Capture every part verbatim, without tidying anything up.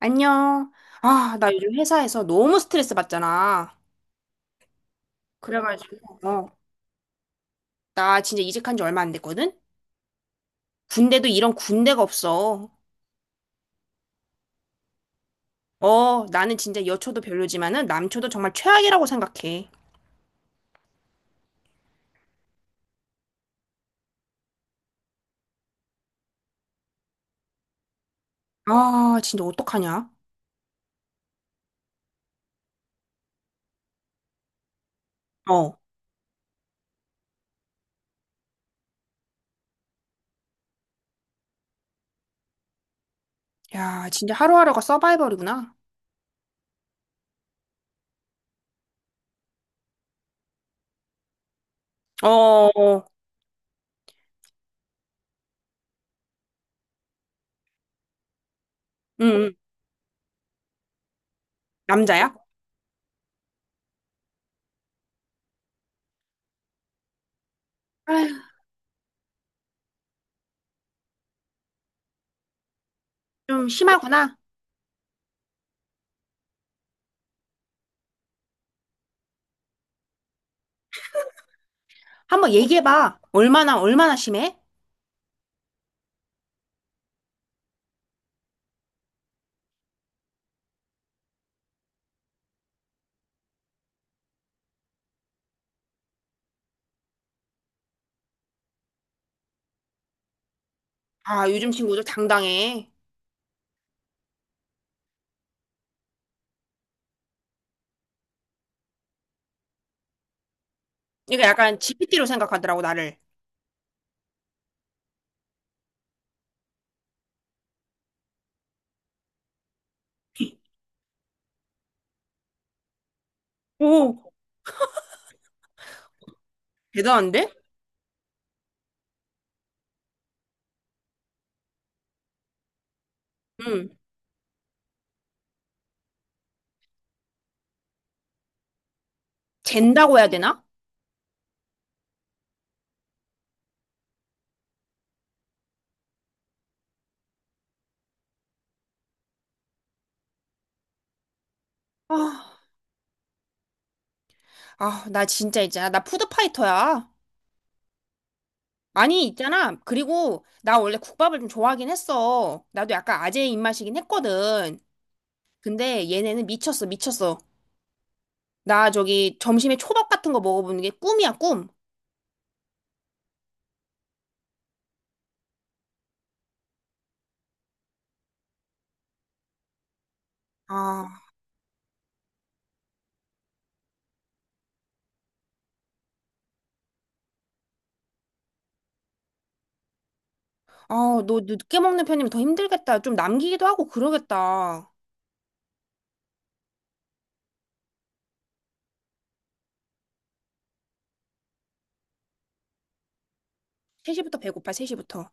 안녕. 아, 나 요즘 회사에서 너무 스트레스 받잖아. 그래가지고, 어, 나 진짜 이직한 지 얼마 안 됐거든? 군대도 이런 군대가 없어. 어, 나는 진짜 여초도 별로지만은 남초도 정말 최악이라고 생각해. 아, 진짜 어떡하냐? 어. 야, 진짜 하루하루가 서바이벌이구나. 어, 어, 응, 응. 남자야? 아휴, 좀 심하구나. 한번 얘기해봐. 얼마나, 얼마나 심해? 아, 요즘 친구들 당당해. 그러니까 약간 지피티로 생각하더라고, 나를. 오. 대단한데? 응. 잰다고 해야 되나? 아, 아, 나 진짜 있잖아. 나 푸드파이터야. 아니, 있잖아. 그리고 나 원래 국밥을 좀 좋아하긴 했어. 나도 약간 아재 입맛이긴 했거든. 근데 얘네는 미쳤어, 미쳤어. 나 저기 점심에 초밥 같은 거 먹어보는 게 꿈이야, 꿈. 아, 아, 너 늦게 먹는 편이면 더 힘들겠다. 좀 남기기도 하고 그러겠다. 세 시부터 배고파, 세 시부터.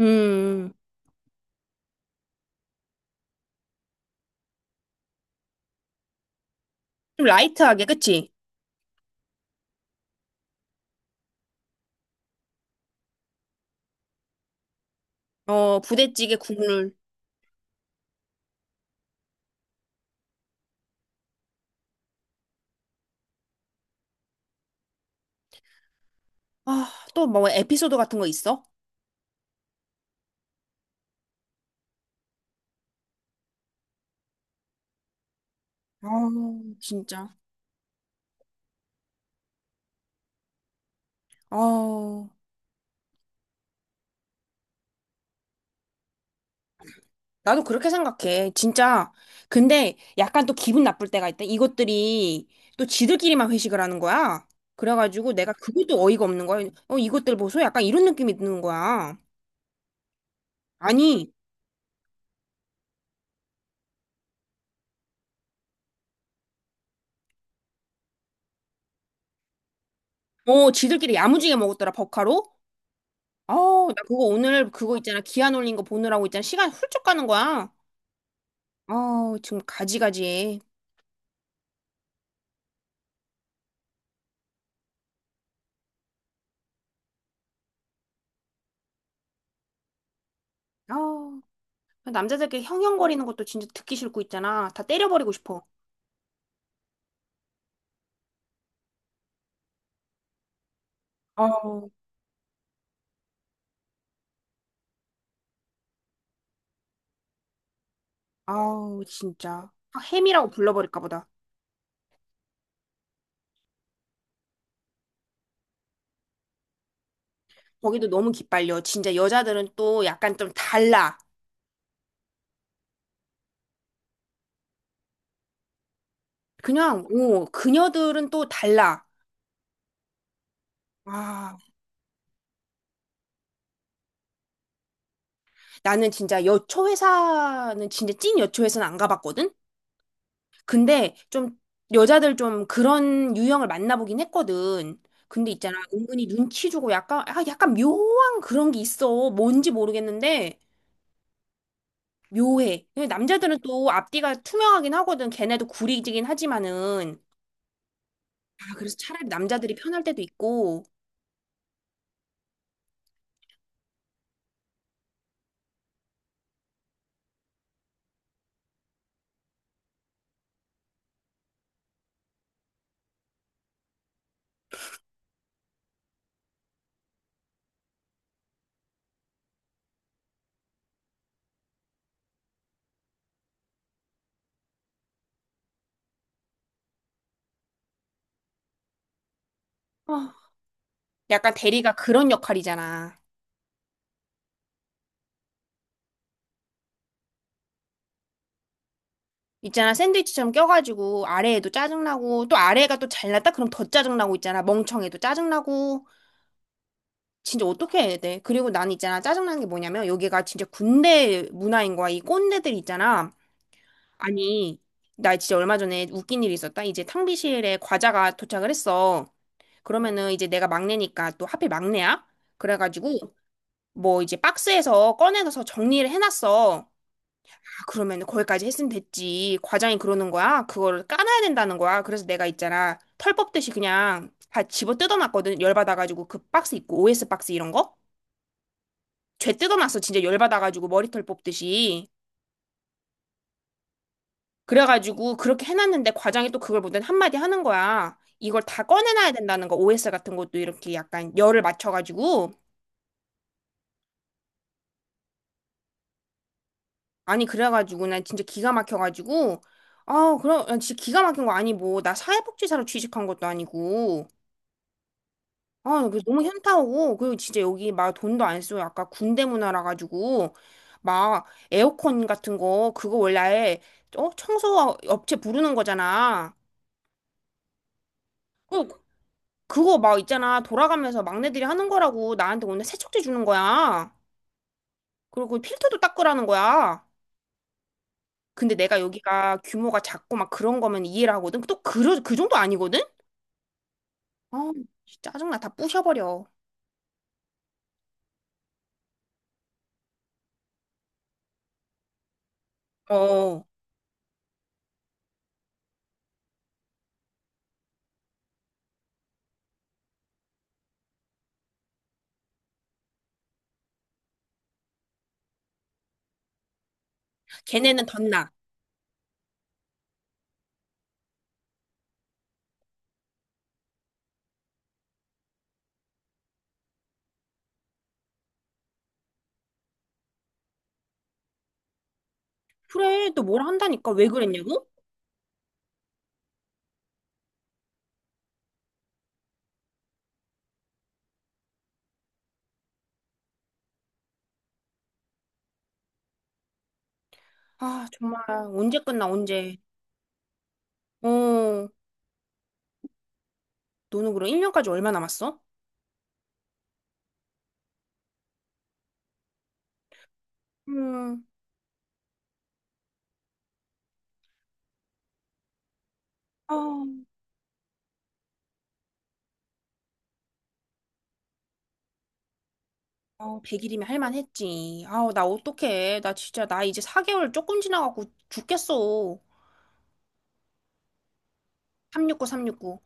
음, 좀 라이트하게, 그치? 어, 부대찌개 국물. 아, 또 뭐 에피소드 같은 거 있어? 아, 진짜. 아, 나도 그렇게 생각해. 진짜. 근데 약간 또 기분 나쁠 때가 있다. 이것들이 또 지들끼리만 회식을 하는 거야. 그래가지고 내가 그것도 어이가 없는 거야. 어, 이것들 보소? 약간 이런 느낌이 드는 거야. 아니, 어, 지들끼리 야무지게 먹었더라, 버카로? 아, 나 그거 오늘 그거 있잖아. 기한 올린 거 보느라고 있잖아. 시간 훌쩍 가는 거야. 아, 지금 가지가지해. 아, 남자들끼리 형형거리는 것도 진짜 듣기 싫고 있잖아. 다 때려버리고 싶어. 아 아우, 진짜. 아, 햄이라고 불러버릴까 보다. 거기도 너무 기빨려. 진짜 여자들은 또 약간 좀 달라. 그냥, 오, 그녀들은 또 달라. 아, 나는 진짜 여초회사는 진짜 찐 여초회사는 안 가봤거든? 근데 좀 여자들 좀 그런 유형을 만나보긴 했거든. 근데 있잖아, 은근히 눈치 주고 약간, 아, 약간 묘한 그런 게 있어. 뭔지 모르겠는데, 묘해. 근데 남자들은 또 앞뒤가 투명하긴 하거든. 걔네도 구리지긴 하지만은. 아, 그래서 차라리 남자들이 편할 때도 있고, 어, 약간 대리가 그런 역할이잖아. 있잖아, 샌드위치처럼 껴가지고, 아래에도 짜증나고, 또 아래가 또 잘났다? 그럼 더 짜증나고 있잖아. 멍청해도 짜증나고. 진짜 어떻게 해야 돼? 그리고 난 있잖아, 짜증나는 게 뭐냐면, 여기가 진짜 군대 문화인 거야. 이 꼰대들 있잖아. 아니, 나 진짜 얼마 전에 웃긴 일이 있었다. 이제 탕비실에 과자가 도착을 했어. 그러면은 이제 내가 막내니까 또 하필 막내야? 그래가지고, 뭐 이제 박스에서 꺼내서 정리를 해놨어. 그러면 거기까지 했으면 됐지. 과장이 그러는 거야. 그거를 까놔야 된다는 거야. 그래서 내가 있잖아. 털 뽑듯이 그냥 다 집어 뜯어놨거든. 열받아가지고 그 박스 있고 오에스 박스 이런 거? 죄 뜯어놨어. 진짜 열받아가지고 머리털 뽑듯이. 그래가지고 그렇게 해놨는데 과장이 또 그걸 보더니 한마디 하는 거야. 이걸 다 꺼내놔야 된다는 거. 오에스 같은 것도 이렇게 약간 열을 맞춰가지고. 아니 그래가지고 난 진짜 기가 막혀가지고. 아 그럼 난 진짜 기가 막힌 거 아니 뭐. 나 사회복지사로 취직한 것도 아니고. 아, 그 너무 현타오고 그리고 진짜 여기 막 돈도 안 쓰고 약간 군대 문화라 가지고 막 에어컨 같은 거 그거 원래 아예, 어 청소 업체 부르는 거잖아. 그 그거 막 있잖아 돌아가면서 막내들이 하는 거라고 나한테 오늘 세척제 주는 거야. 그리고 그 필터도 닦으라는 거야. 근데 내가 여기가 규모가 작고 막 그런 거면 이해를 하거든. 또 그, 그 정도 아니거든? 아, 진짜 짜증나. 다 부셔버려. 어, 걔네는 덧나. 그래, 또 뭘 한다니까. 왜 그랬냐고? 아, 정말 언제 끝나 언제? 어, 너는 그럼 일 년까지 얼마 남았어? 음. 아, 아, 백 일이면 할 만했지. 아우, 나 어떡해. 나 진짜 나 이제 사 개월 조금 지나갖고 죽겠어. 삼육구 삼육구.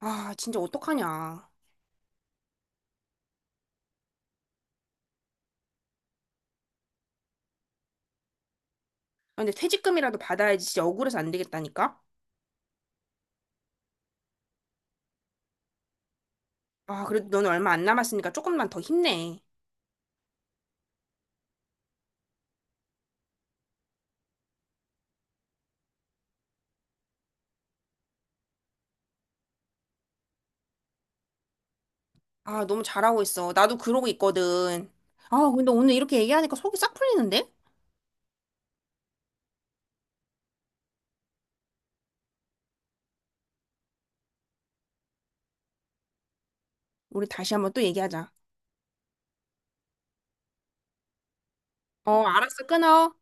아, 진짜 어떡하냐. 아, 근데 퇴직금이라도 받아야지 진짜 억울해서 안 되겠다니까. 아, 그래도 너는 얼마 안 남았으니까 조금만 더 힘내. 아, 너무 잘하고 있어. 나도 그러고 있거든. 아, 근데 오늘 이렇게 얘기하니까 속이 싹 풀리는데? 우리 다시 한번 또 얘기하자. 어, 알았어. 끊어.